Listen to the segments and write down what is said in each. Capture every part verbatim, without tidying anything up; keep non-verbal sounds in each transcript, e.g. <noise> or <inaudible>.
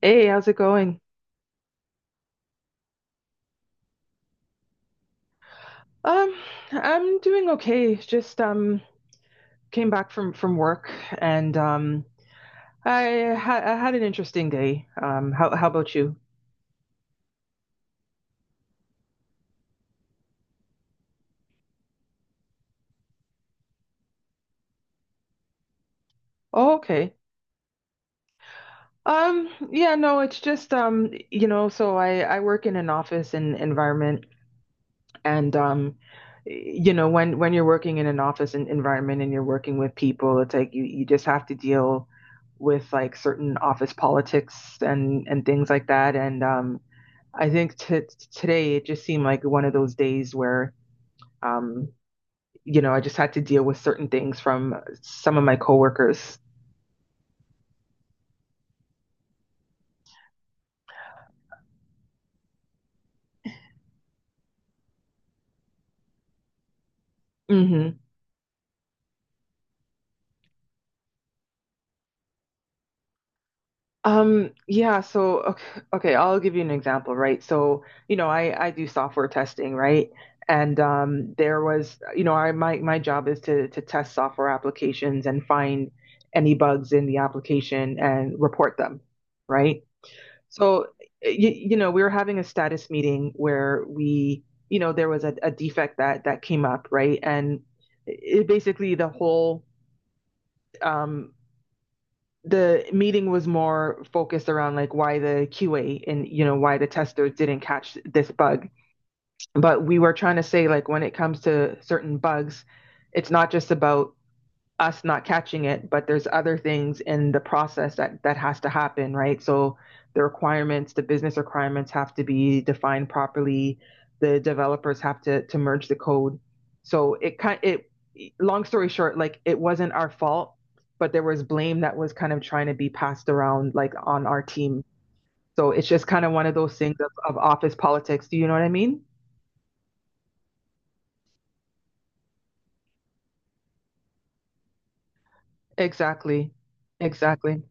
Hey, how's it going? Um, I'm doing okay. Just um came back from from work and um I had I had an interesting day. Um, how how about you? Oh, okay. Um, yeah, no, it's just um, you know, so I I work in an office and environment and um you know, when when you're working in an office and environment and you're working with people, it's like you you just have to deal with like certain office politics and and things like that and um I think t- today it just seemed like one of those days where, um, you know, I just had to deal with certain things from some of my coworkers. Mm-hmm. Um, yeah, so okay, okay, I'll give you an example, right? So, you know, I I do software testing, right? And um there was, you know, I my my job is to to test software applications and find any bugs in the application and report them, right? So, eh, you, you know, we were having a status meeting where we, you know, there was a, a defect that that came up, right? And it basically the whole um, the meeting was more focused around like why the Q A and you know why the testers didn't catch this bug. But we were trying to say like when it comes to certain bugs, it's not just about us not catching it, but there's other things in the process that that has to happen, right? So the requirements, the business requirements have to be defined properly. The developers have to to merge the code. So it kind it long story short, like it wasn't our fault, but there was blame that was kind of trying to be passed around like on our team. So it's just kind of one of those things of, of office politics. Do you know what I mean? Exactly. Exactly.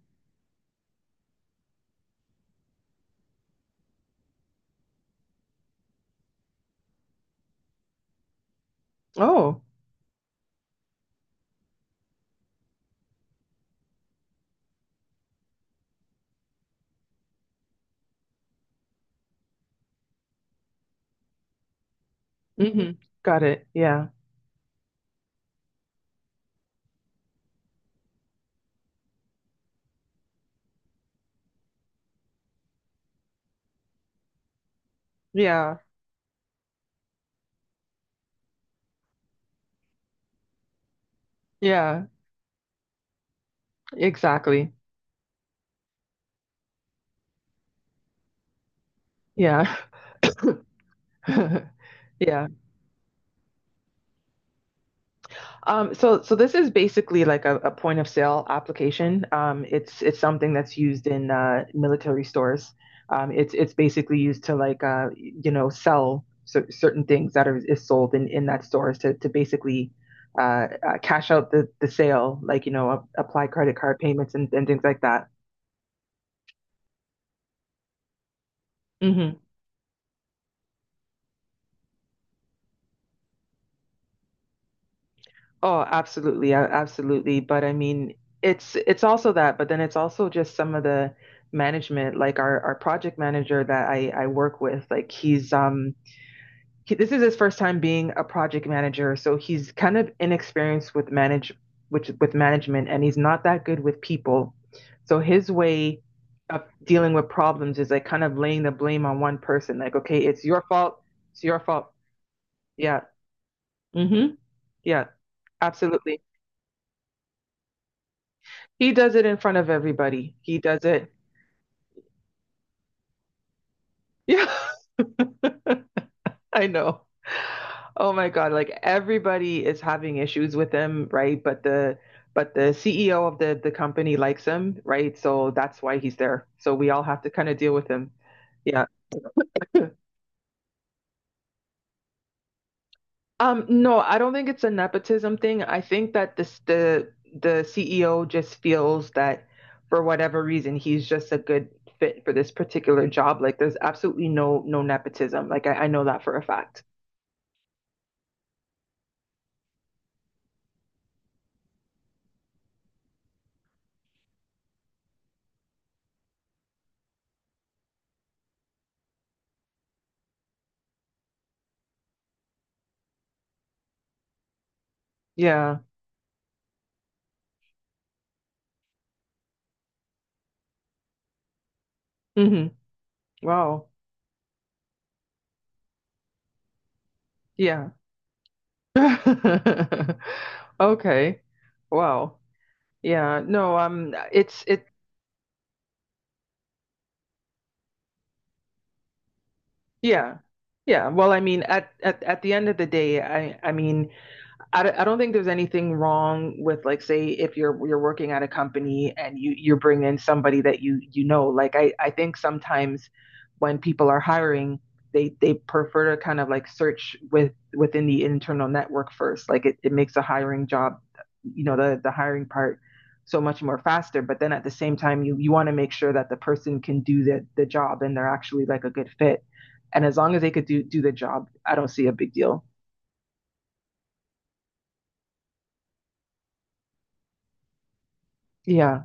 Oh, hmm. Got it. Yeah. Yeah. Yeah. Exactly. Yeah. <laughs> Yeah. Um, so so this is basically like a, a point of sale application. Um, it's it's something that's used in uh, military stores. Um, it's it's basically used to like uh, you know sell cer certain things that are is sold in, in that stores to to basically uh, uh, cash out the, the sale, like you know a- apply credit card payments and, and things like that. Oh, absolutely, a- absolutely. But I mean, it's it's also that, but then it's also just some of the management, like our our project manager that I I work with, like he's um he, this is his first time being a project manager, so he's kind of inexperienced with manage which with management, and he's not that good with people. So his way of dealing with problems is like kind of laying the blame on one person, like, okay, it's your fault, it's your fault. Yeah. Mm-hmm. Yeah, absolutely. He does it in front of everybody. He does it. <laughs> Yeah, I know. Oh my God, like everybody is having issues with him, right? But the but the C E O of the the company likes him, right? So that's why he's there. So we all have to kind of deal with him. Yeah. <laughs> Um, no, I don't think it's a nepotism thing. I think that this the the C E O just feels that for whatever reason he's just a good fit for this particular job. Like there's absolutely no no nepotism. Like I, I know that for a fact. Yeah. Hmm. Wow. Yeah. <laughs> Okay. Wow. Yeah. No, um it's it yeah. Yeah. Well, I mean at at at the end of the day, I I mean I don't, I don't think there's anything wrong with like say if you're you're working at a company and you you bring in somebody that you you know like I I think sometimes when people are hiring they they prefer to kind of like search with within the internal network first like it, it makes a hiring job you know the the hiring part so much more faster but then at the same time you you want to make sure that the person can do the the job and they're actually like a good fit and as long as they could do do the job I don't see a big deal. Yeah.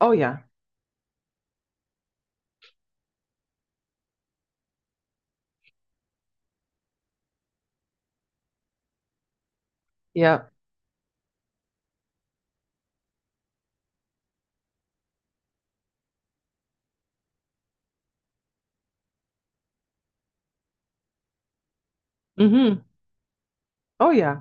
Oh yeah. Yeah. Hmm. Oh yeah.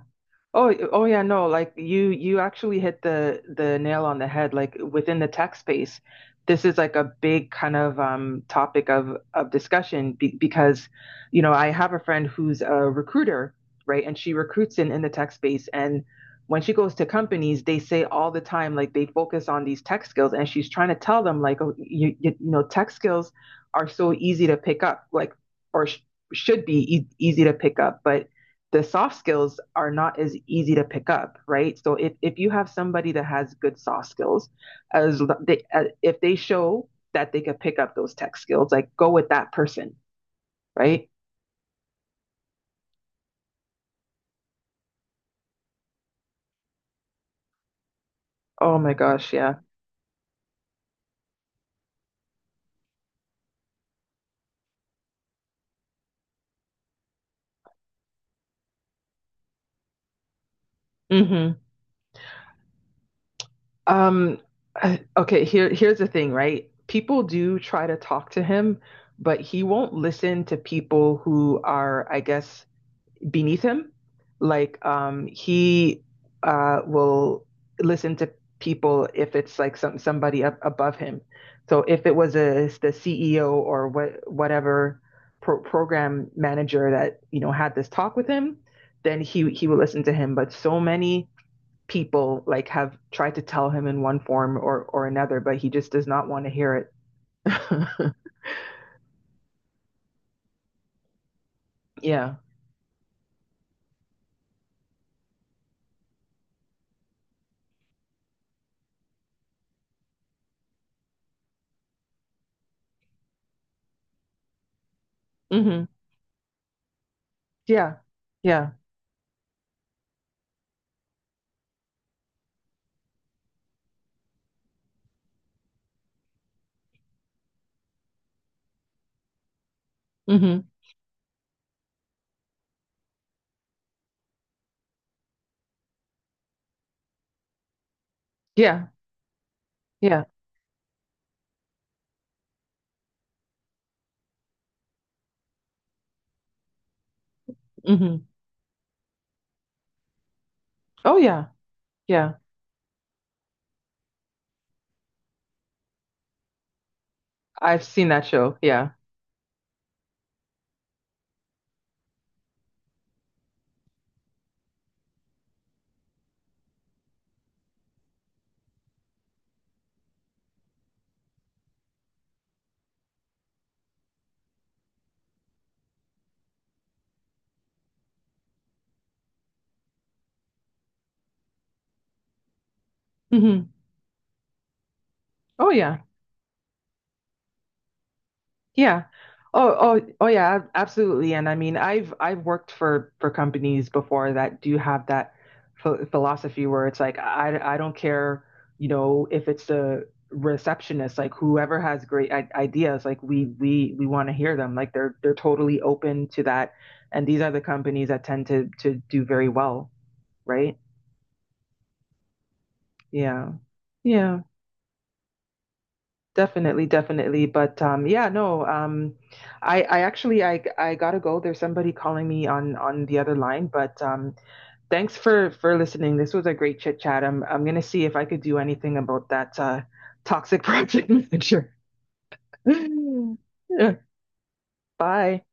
Oh, y- oh yeah, no, like you you actually hit the the nail on the head. Like within the tech space, this is like a big kind of um topic of of discussion be because, you know, I have a friend who's a recruiter, right? And she recruits in in the tech space and when she goes to companies, they say all the time like they focus on these tech skills and she's trying to tell them like oh, you, you you know, tech skills are so easy to pick up, like or sh should be e easy to pick up, but the soft skills are not as easy to pick up, right? So if, if you have somebody that has good soft skills, as they, as, if they show that they could pick up those tech skills, like go with that person, right? Oh my gosh, yeah. Mm-hmm. Um, uh, okay, here here's the thing, right? People do try to talk to him, but he won't listen to people who are, I guess, beneath him. Like um, he uh, will listen to people if it's like some somebody up above him. So if it was a the C E O or what whatever pro- program manager that you know had this talk with him, then he he will listen to him. But so many people like have tried to tell him in one form or or another, but he just does not want to hear it. <laughs> Yeah. Hmm. Yeah. Yeah. Hmm. Yeah. Yeah. Hmm. Oh yeah. Yeah, I've seen that show. Yeah. Hmm. Oh yeah. Yeah. Oh oh oh yeah, ab- absolutely. And I mean, I've I've worked for for companies before that do have that ph philosophy where it's like I I don't care, you know, if it's the receptionist, like whoever has great I ideas, like we we we want to hear them. Like they're they're totally open to that. And these are the companies that tend to to do very well, right? Yeah. Yeah. Definitely, definitely. But um yeah, no, um I I actually I I gotta go. There's somebody calling me on on the other line, but um thanks for for listening. This was a great chit chat. I'm I'm gonna see if I could do anything about that uh toxic project <laughs> manager. <laughs> Yeah, bye.